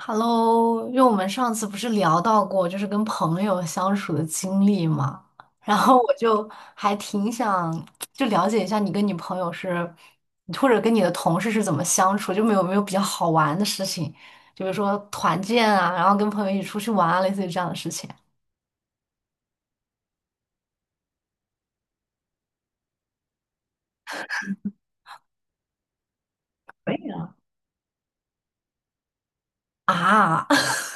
Hello,因为我们上次不是聊到过，就是跟朋友相处的经历嘛，然后我就还挺想就了解一下你跟你朋友是，或者跟你的同事是怎么相处，就没有比较好玩的事情，就比如说团建啊，然后跟朋友一起出去玩啊，类似于这样的事情可以啊。啊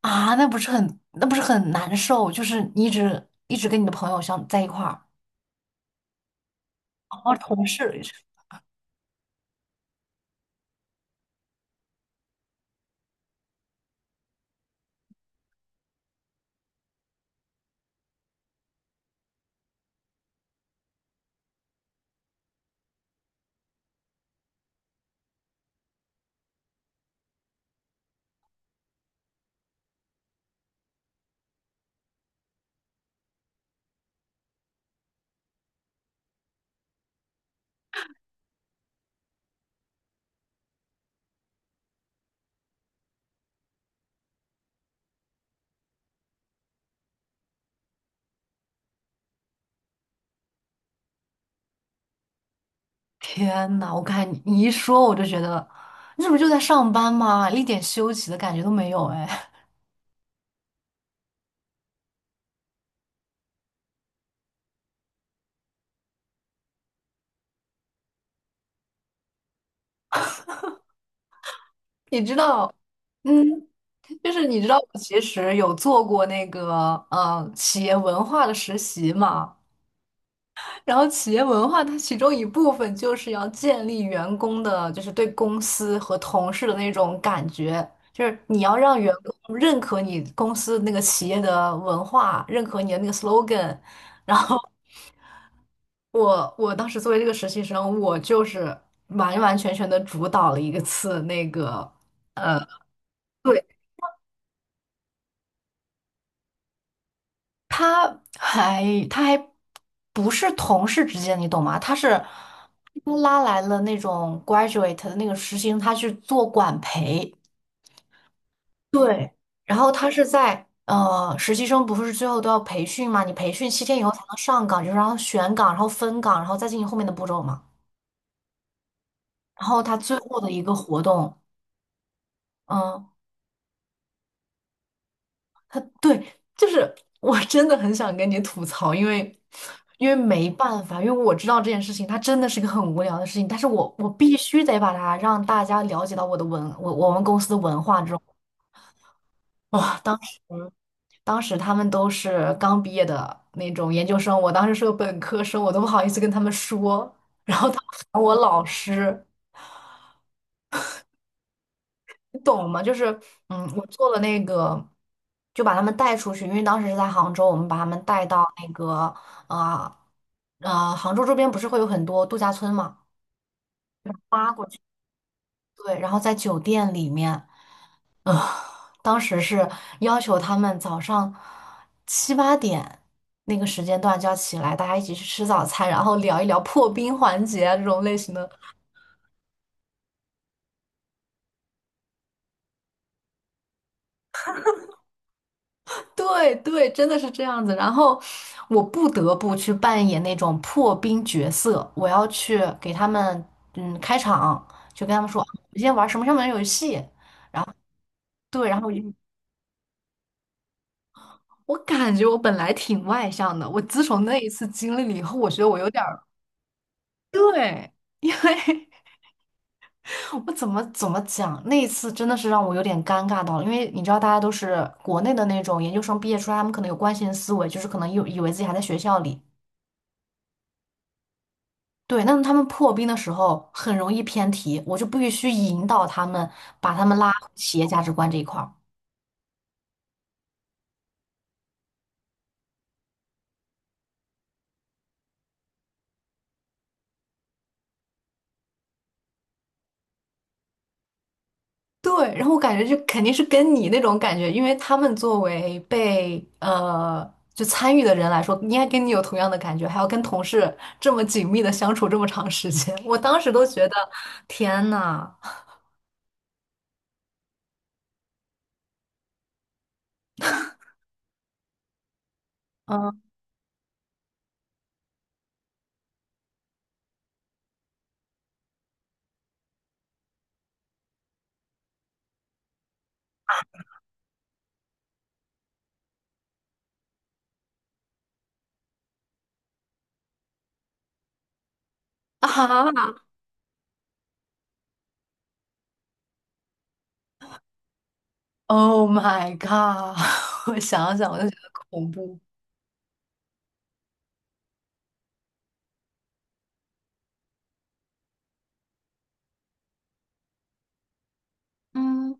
啊，那不是很难受，就是你一直跟你的朋友相在一块儿，哦，同事。天呐，我看你一说，我就觉得你怎么就在上班嘛，一点休息的感觉都没有哎。你知道，嗯，就是你知道，我其实有做过那个企业文化的实习嘛。然后企业文化它其中一部分就是要建立员工的，就是对公司和同事的那种感觉，就是你要让员工认可你公司那个企业的文化，认可你的那个 slogan,然后。我当时作为这个实习生，我就是完完全全的主导了一个次那个，呃，对，他还他还不是同事之间，你懂吗？他是拉来了那种 graduate 的那个实习生，他去做管培，对，然后他是在实习生不是最后都要培训嘛？你培训七天以后才能上岗，就是然后选岗，然后分岗，然后再进行后面的步骤嘛。然后他最后的一个活动。嗯，对，就是我真的很想跟你吐槽，因为因为没办法，因为我知道这件事情，它真的是一个很无聊的事情，但是我必须得把它让大家了解到我的文，我们公司的文化这种。哇，当时他们都是刚毕业的那种研究生，我当时是个本科生，我都不好意思跟他们说我老师。你懂吗？就是，嗯，我做了那个，就把他们带出去，因为当时是在杭州，我们把他们带到那个，啊、啊，杭州周边不是会有很多度假村嘛，就把他们拉过去，对，然后在酒店里面，呃，当时是要求他们早上七八点那个时间段就要起来，大家一起去吃早餐，然后聊一聊破冰环节啊这种类型的。对对，真的是这样子。然后我不得不去扮演那种破冰角色，我要去给他们嗯开场，就跟他们说，我今天玩什么什么游戏。对，然后我就我感觉我本来挺外向的，我自从那一次经历了以后，我觉得我有点儿对，因为 我怎么讲，那一次真的是让我有点尴尬到了，因为你知道大家都是国内的那种研究生毕业出来，他们可能有惯性思维，就是可能有以为自己还在学校里。对，那他们破冰的时候很容易偏题，我就必须引导他们，把他们拉回企业价值观这一块儿。对，然后我感觉就肯定是跟你那种感觉，因为他们作为被就参与的人来说，应该跟你有同样的感觉，还要跟同事这么紧密的相处这么长时间，我当时都觉得天呐，嗯啊，Oh my God!我想想我就觉得恐怖。嗯。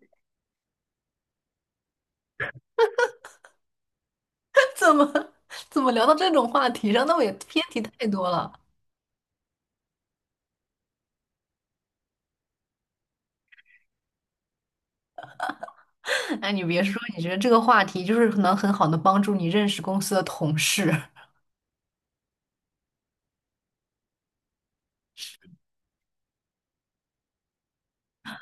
怎么怎么聊到这种话题上？那我也偏题太多了。哎，你别说，你觉得这个话题就是能很好的帮助你认识公司的同事。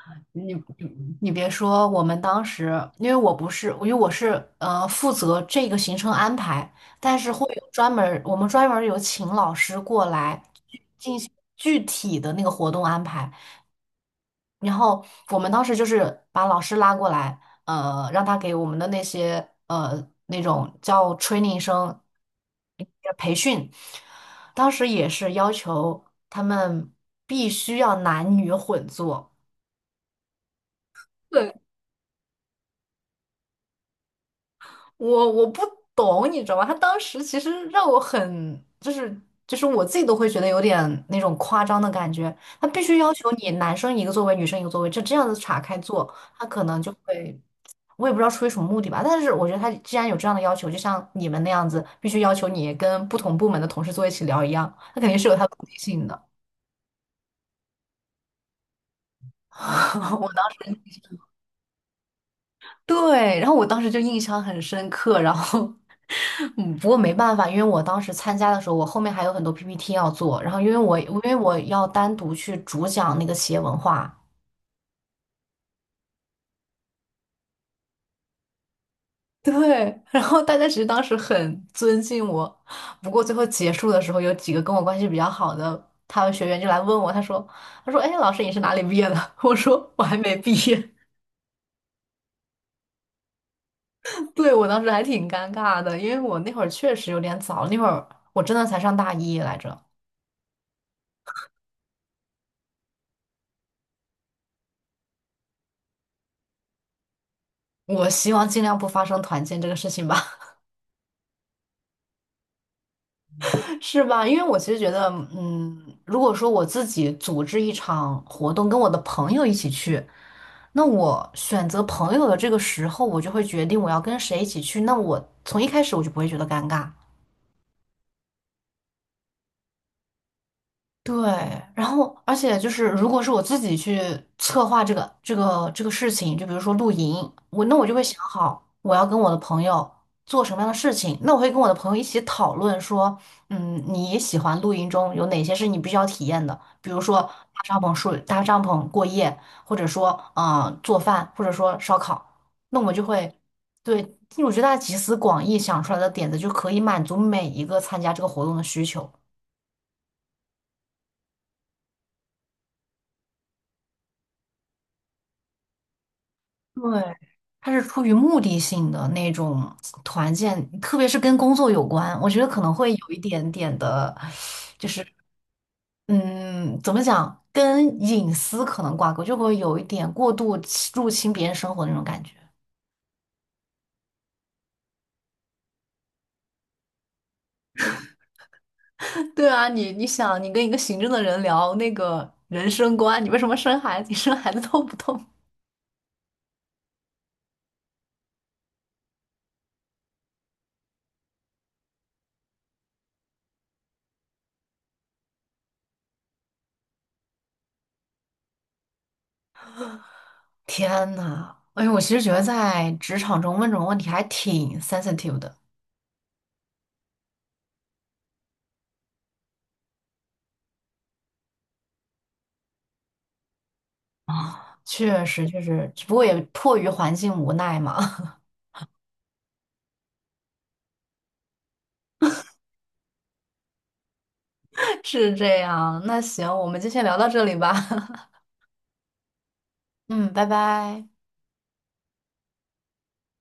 你你别说，我们当时因为我不是，因为我是负责这个行程安排，但是会有专门儿，我们专门儿有请老师过来去进行具体的那个活动安排。然后我们当时就是把老师拉过来，让他给我们的那些那种叫 training 生培训，当时也是要求他们必须要男女混坐。我不懂，你知道吗？他当时其实让我很，就是就是我自己都会觉得有点那种夸张的感觉。他必须要求你男生一个座位，女生一个座位，就这样子岔开坐，他可能就会，我也不知道出于什么目的吧。但是我觉得他既然有这样的要求，就像你们那样子，必须要求你跟不同部门的同事坐一起聊一样，他肯定是有他的目的性的。我当时对，然后我当时就印象很深刻，然后 嗯，不过没办法，因为我当时参加的时候，我后面还有很多 PPT 要做，然后因为我要单独去主讲那个企业文化，对，然后大家其实当时很尊敬我，不过最后结束的时候，有几个跟我关系比较好的他们学员就来问我，他说他说哎，老师你是哪里毕业的？我说我还没毕业，对，我当时还挺尴尬的，因为我那会儿确实有点早，那会儿我真的才上大一来着，我希望尽量不发生团建这个事情吧。是吧？因为我其实觉得，嗯，如果说我自己组织一场活动，跟我的朋友一起去，那我选择朋友的这个时候，我就会决定我要跟谁一起去。那我从一开始我就不会觉得尴尬。对，然后而且就是，如果是我自己去策划这个事情，就比如说露营，我那我就会想好我要跟我的朋友做什么样的事情，那我会跟我的朋友一起讨论说，嗯，你喜欢露营中有哪些是你必须要体验的，比如说搭帐篷睡、搭帐篷过夜，或者说嗯、做饭，或者说烧烤，那我们就会对，因为我觉得大家集思广益想出来的点子就可以满足每一个参加这个活动的需求。对，它是出于目的性的那种团建，特别是跟工作有关，我觉得可能会有一点点的，就是嗯，怎么讲，跟隐私可能挂钩，就会有一点过度侵入侵别人生活的那种感觉。对啊，你你想，你跟一个行政的人聊那个人生观，你为什么生孩子？你生孩子痛不痛？天呐，哎呦，我其实觉得在职场中问这种问题还挺 sensitive 的，确实确实，只不过也迫于环境无奈嘛。是这样。那行，我们就先聊到这里吧。嗯，拜拜。